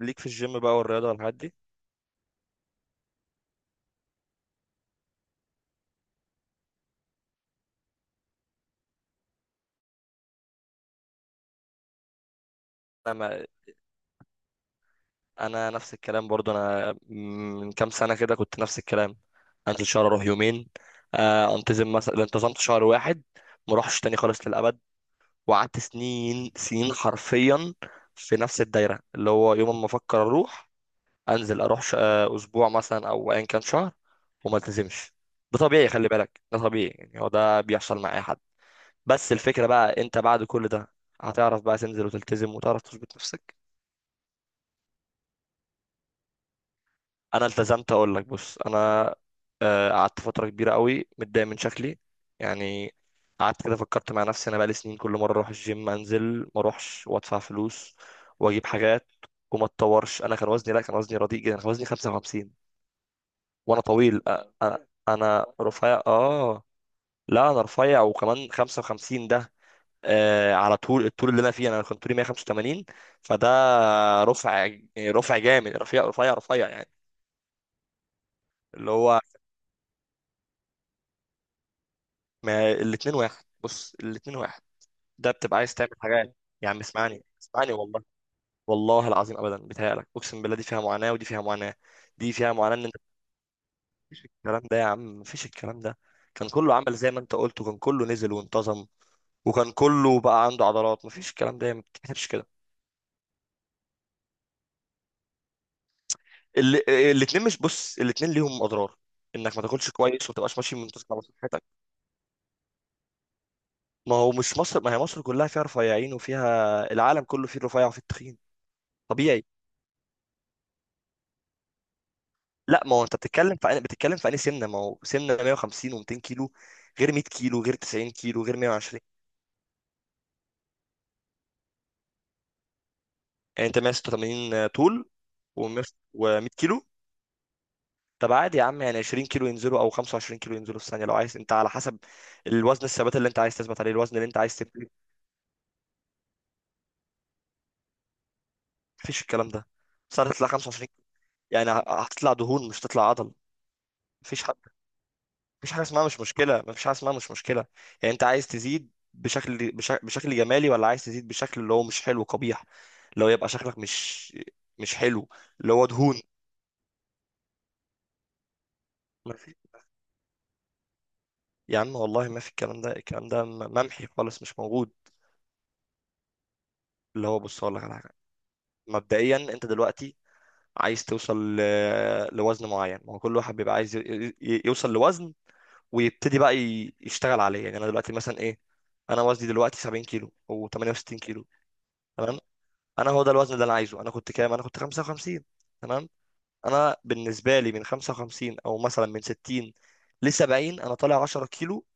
ليك في الجيم بقى والرياضة والحاجات دي. انا ما- انا نفس الكلام برضو، انا من كام سنة كده كنت نفس الكلام، انزل شهر اروح يومين، انتظم مثلا، انتظمت شهر واحد ما اروحش تاني خالص للابد، وقعدت سنين سنين حرفيا في نفس الدايرة، اللي هو يوم ما افكر اروح انزل اروح اسبوع مثلا او ايا كان شهر وما التزمش. ده طبيعي، خلي بالك ده طبيعي، يعني هو ده بيحصل مع اي حد. بس الفكرة بقى انت بعد كل ده هتعرف بقى تنزل وتلتزم وتعرف تظبط نفسك. انا التزمت، اقول لك، بص انا قعدت فتره كبيره قوي متضايق من شكلي، يعني. قعدت كده فكرت مع نفسي، انا بقالي سنين كل مره اروح الجيم انزل ما اروحش وادفع فلوس واجيب حاجات وما اتطورش. انا كان وزني، لا كان وزني رديء جدا، كان وزني 55، وانا طويل. أ- انا رفيع اه، لا انا رفيع، وكمان 55 ده آه على طول. الطول اللي انا فيه، انا كنت طولي 185، فده رفع، رفع جامد، رفيع رفيع رفيع يعني. اللي هو، ما الاتنين واحد، بص الاتنين واحد، ده بتبقى عايز تعمل حاجة. يا عم اسمعني اسمعني، والله والله العظيم، ابدا بتهيألك، اقسم بالله دي فيها معاناة ودي فيها معاناة، دي فيها معاناة ان انت، الكلام ده يا عم مفيش الكلام ده، كان كله عمل زي ما انت قلت وكان كله نزل وانتظم وكان كله بقى عنده عضلات. مفيش الكلام ده، ما بتتحسبش كده. الاتنين، مش بص الاتنين ليهم اضرار، انك ما تاكلش كويس وما تبقاش ماشي منتظم على صحتك. ما هو مش مصر، ما هي مصر كلها فيها رفيعين وفيها، العالم كله فيه الرفيع وفيه التخين، طبيعي. لا ما هو انت بتتكلم في انهي سمنه؟ ما هو سمنه 150 و200 كيلو، غير 100 كيلو، غير 90 كيلو، غير 120. يعني انت 186 طول و100 كيلو؟ طب عادي يا عم، يعني 20 كيلو ينزلوا او 25 كيلو ينزلوا في الثانيه لو عايز، انت على حسب الوزن، الثبات اللي انت عايز تثبت عليه، الوزن اللي انت عايز تبني. مفيش الكلام ده، بس هتطلع 25، يعني هتطلع دهون مش هتطلع عضل. مفيش حد، مفيش حاجه اسمها مش مشكله، مفيش حاجه اسمها مش مشكله. يعني انت عايز تزيد بشكل، بشكل جمالي، ولا عايز تزيد بشكل اللي هو مش حلو، قبيح، اللي هو يبقى شكلك مش، مش حلو. اللي هو دهون. ما في يا عم والله ما في الكلام ده، الكلام ده ممحي خالص، مش موجود. اللي هو بص اقول لك على حاجه، مبدئيا انت دلوقتي عايز توصل لوزن معين. ما هو كل واحد بيبقى عايز يوصل لوزن ويبتدي بقى يشتغل عليه. يعني انا دلوقتي مثلا ايه، انا وزني دلوقتي 70 كيلو او 68 كيلو، تمام؟ انا هو ده الوزن اللي انا عايزه. انا كنت كام؟ انا كنت 55، تمام. انا بالنسبه لي، من 55 او مثلا من 60 ل 70، انا طالع 10 كيلو،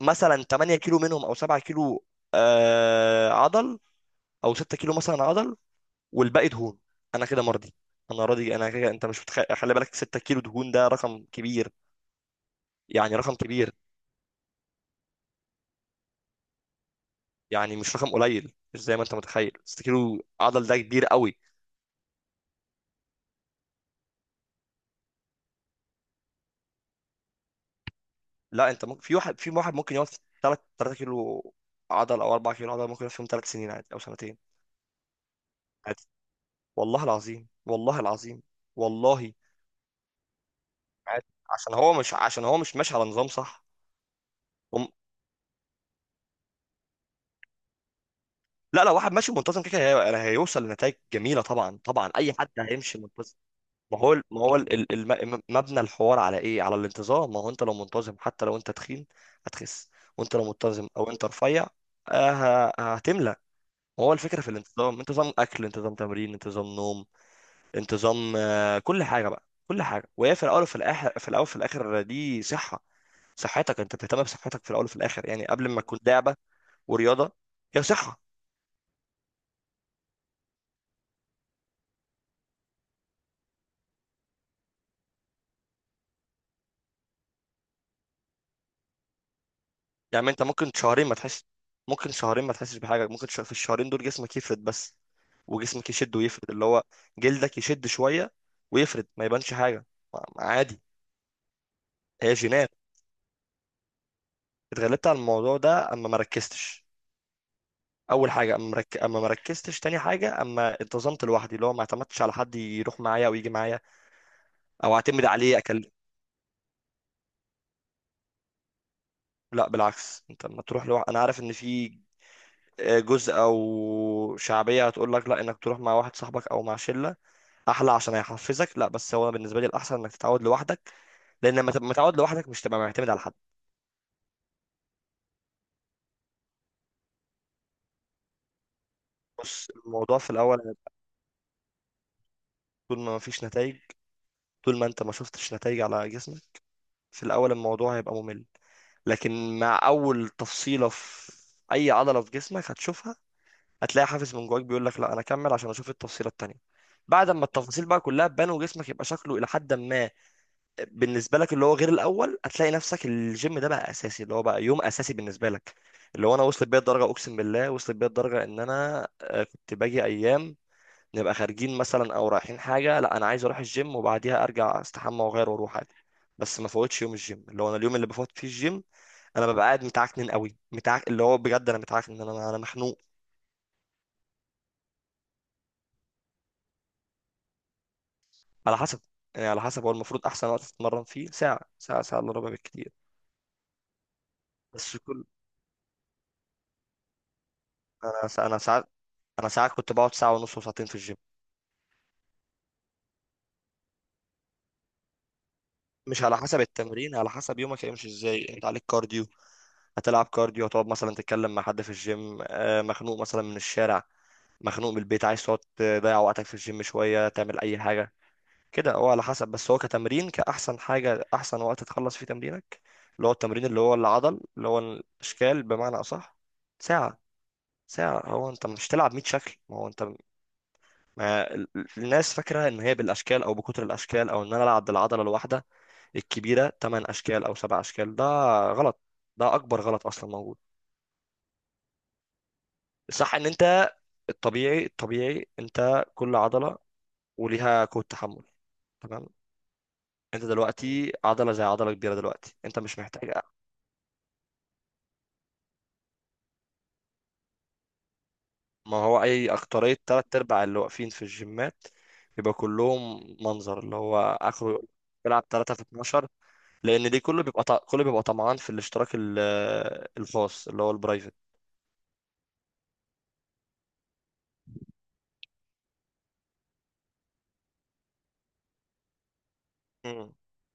مثلا 8 كيلو منهم او 7 كيلو آه عضل، او 6 كيلو مثلا عضل، والباقي دهون، انا كده مرضي، انا راضي انا كده. انت مش متخ... خلي بالك، 6 كيلو دهون ده رقم كبير، يعني رقم كبير، يعني مش رقم قليل، مش زي ما انت متخيل. 6 كيلو عضل ده كبير قوي. لا انت ممكن في واحد، في واحد ممكن يقعد في 3 كيلو عضل او 4 كيلو عضل، ممكن يقعد فيهم 3 سنين عادي، او سنتين عادي. والله العظيم والله العظيم والله، عادي، عشان هو مش، عشان هو مش ماشي على نظام صح. وم... لا لا، واحد ماشي منتظم كده كده يعني هيوصل لنتائج جميله، طبعا طبعا، اي حد هيمشي منتظم. ما هو، ما هو مبنى الحوار على ايه؟ على الانتظام. ما هو انت لو منتظم حتى لو انت تخين هتخس، وانت لو منتظم او انت رفيع آه، هتملى. هو الفكرة في الانتظام، انت نظام أكل، انت نظام تمرين، انت نظام نوم، انت نظام، كل حاجة بقى، كل حاجة، وهي في الأول وفي الآخر، في الأول وفي الآخر دي صحة، صحتك، انت بتهتم بصحتك في الأول وفي الآخر، يعني قبل ما تكون لعبة ورياضة، هي صحة. يعني انت ممكن شهرين ما تحس، ممكن شهرين ما تحسش بحاجة، ممكن في الشهرين دول جسمك يفرد بس، وجسمك يشد ويفرد، اللي هو جلدك يشد شوية ويفرد، ما يبانش حاجة، ما عادي. هي جينات. اتغلبت على الموضوع ده أما ما ركزتش. اول حاجه اما ما ركزتش، تاني حاجه اما انتظمت لوحدي، اللي هو ما اعتمدتش على حد يروح معايا او يجي معايا او اعتمد عليه اكلم. لا بالعكس، انت لما تروح لوحدك، انا عارف ان في جزء او شعبيه هتقول لك لا انك تروح مع واحد صاحبك او مع شله احلى عشان هيحفزك، لا بس هو بالنسبه لي الاحسن انك تتعود لوحدك، لان لما تبقى متعود لوحدك، مش تبقى معتمد على حد. بص الموضوع في الاول، طول ما مفيش نتائج، طول ما انت ما شفتش نتائج على جسمك، في الأول الموضوع هيبقى ممل، لكن مع أول تفصيلة في أي عضلة في جسمك هتشوفها، هتلاقي حافز من جواك بيقول لك لا، أنا أكمل عشان أشوف التفصيلة التانية. بعد ما التفاصيل بقى كلها تبان وجسمك يبقى شكله إلى حد ما بالنسبة لك، اللي هو غير الأول، هتلاقي نفسك الجيم ده بقى أساسي، اللي هو بقى يوم أساسي بالنسبة لك. اللي هو أنا وصلت بيا الدرجة، أقسم بالله وصلت بيا الدرجة، إن أنا كنت باجي أيام نبقى خارجين مثلا او رايحين حاجه، لا انا عايز اروح الجيم وبعديها ارجع استحمى واغير واروح عادي، بس ما فوتش يوم الجيم. اللي هو انا اليوم اللي بفوت فيه الجيم، انا ببقى قاعد متعكنن قوي، متعك، اللي هو بجد انا متعكنن، انا مخنوق. على حسب، يعني على حسب، هو المفروض احسن وقت تتمرن فيه ساعه، ساعه، ساعه الا ربع بالكتير. بس كل انا ساعات، انا ساعات كنت بقعد ساعه ونص وساعتين في الجيم. مش على حسب التمرين، على حسب يومك هيمشي ازاي، انت عليك كارديو، هتلعب كارديو، هتقعد مثلا تتكلم مع حد في الجيم، مخنوق مثلا من الشارع، مخنوق من البيت، عايز تقعد تضيع وقتك في الجيم شوية تعمل أي حاجة، كده هو على حسب. بس هو كتمرين، كأحسن حاجة، أحسن وقت تخلص فيه تمرينك، اللي هو التمرين اللي هو العضل اللي هو الأشكال، بمعنى أصح ساعة، ساعة. هو أنت مش تلعب 100 شكل، ما هو أنت، ما الناس فاكرة إن هي بالأشكال، أو بكتر الأشكال، أو إن أنا ألعب بالعضلة الواحدة الكبيرة 8 أشكال أو 7 أشكال. ده غلط، ده أكبر غلط أصلا موجود. صح إن أنت، الطبيعي، الطبيعي انت كل عضله وليها قوه تحمل، تمام؟ انت دلوقتي عضله زي عضله كبيره، دلوقتي انت مش محتاج. ما هو اي اكتريه، تلات ارباع اللي واقفين في الجيمات بيبقى كلهم منظر، اللي هو اخره بيلعب 3 في 12، لان دي كله بيبقى كله بيبقى طمعان في الاشتراك الخاص اللي هو البرايفت.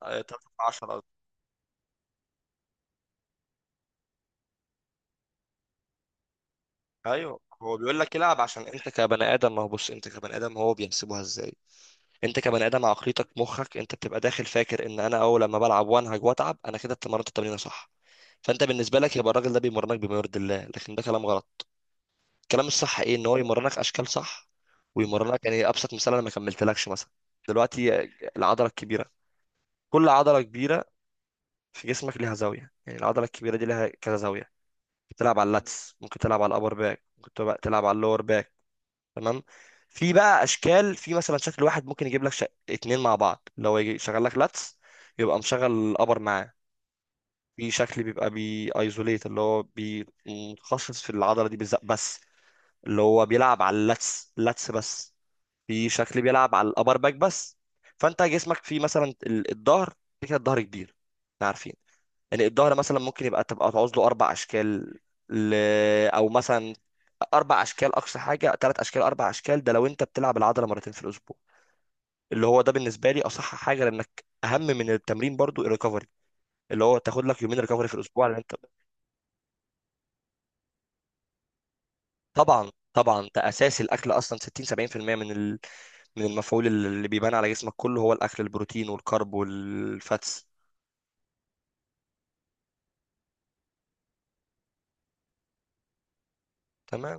3 في 10. ايوه هو بيقول لك العب عشان انت كبني ادم، ما هو بص انت كبني ادم هو بيحسبوها ازاي، انت كبني ادم عقليتك، مخك انت بتبقى داخل فاكر ان انا اول لما بلعب وانهج واتعب انا كده اتمرنت التمرينه صح، فانت بالنسبه لك يبقى الراجل ده بيمرنك بما يرضي الله، لكن ده كلام غلط. الكلام الصح ايه، ان هو يمرنك اشكال صح ويمرنك، يعني ابسط مثال، انا ما كملتلكش مثلا دلوقتي، العضله الكبيره، كل عضله كبيره في جسمك ليها زاويه، يعني العضله الكبيره دي ليها كذا زاويه، بتلعب على اللاتس، ممكن تلعب على الابر باك، ممكن تلعب على اللور باك، تمام؟ في بقى اشكال، في مثلا شكل واحد ممكن يجيب لك اتنين مع بعض، لو يجي شغال لك لاتس يبقى مشغل الابر معاه. في شكل بيبقى بي ايزوليت، اللي هو متخصص في العضله دي بالذات بس، اللي هو بيلعب على اللاتس، لاتس بس. في شكل بيلعب على الابر باك بس. فانت جسمك فيه مثلا الظهر، كده الظهر كبير، احنا عارفين، يعني الظهر مثلا ممكن يبقى تبقى تعوز له اربع اشكال، ل... او مثلا اربع اشكال، اقصى حاجه ثلاث اشكال اربع اشكال، ده لو انت بتلعب العضله مرتين في الاسبوع، اللي هو ده بالنسبه لي اصح حاجه، لانك اهم من التمرين برضو الريكفري، اللي هو تاخد لك يومين ريكفري في الاسبوع، لان انت، طبعا طبعا ده اساس، الاكل اصلا 60 70% من المفعول اللي بيبان على جسمك كله هو الاكل، البروتين والكرب والفاتس، تمام؟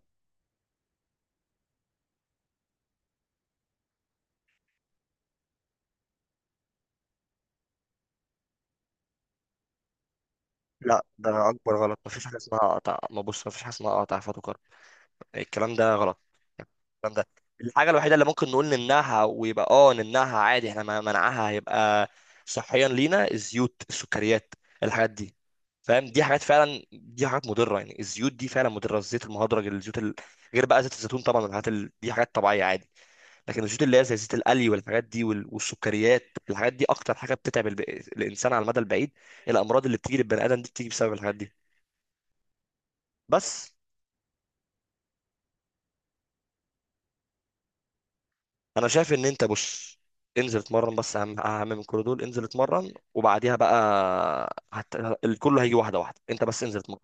لا ده اكبر غلط، مفيش حاجه اسمها قطع، ما بص مفيش حاجه اسمها قطع فاتو كرب، الكلام ده غلط، الكلام ده، الحاجه الوحيده اللي ممكن نقول نمنعها ويبقى اه نمنعها عادي، احنا منعها هيبقى صحيا لينا، الزيوت، السكريات، الحاجات دي، فاهم؟ دي حاجات فعلا، دي حاجات مضره، يعني الزيوت دي فعلا مضره، الزيت المهدرج، غير بقى زيت الزيتون طبعا والحاجات دي حاجات طبيعيه عادي، لكن الزيوت اللي هي زي زيت القلي والحاجات دي والسكريات، الحاجات دي اكتر حاجه بتتعب الانسان على المدى البعيد، الامراض اللي بتيجي للبني ادم دي بتيجي بسبب الحاجات دي. بس انا شايف ان انت، بص انزل اتمرن بس، اهم، اهم من كل دول انزل اتمرن وبعديها بقى هت... الكل هيجي واحده واحده، انت بس انزل اتمرن.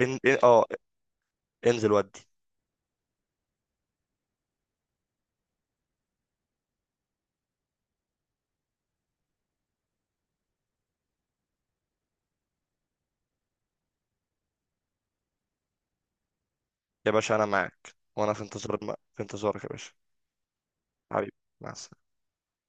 ان... إن- اه انزل ودي. يا باشا انا معاك، وانا في انتظار، في انتظارك يا باشا، حبيبي، مع السلامه.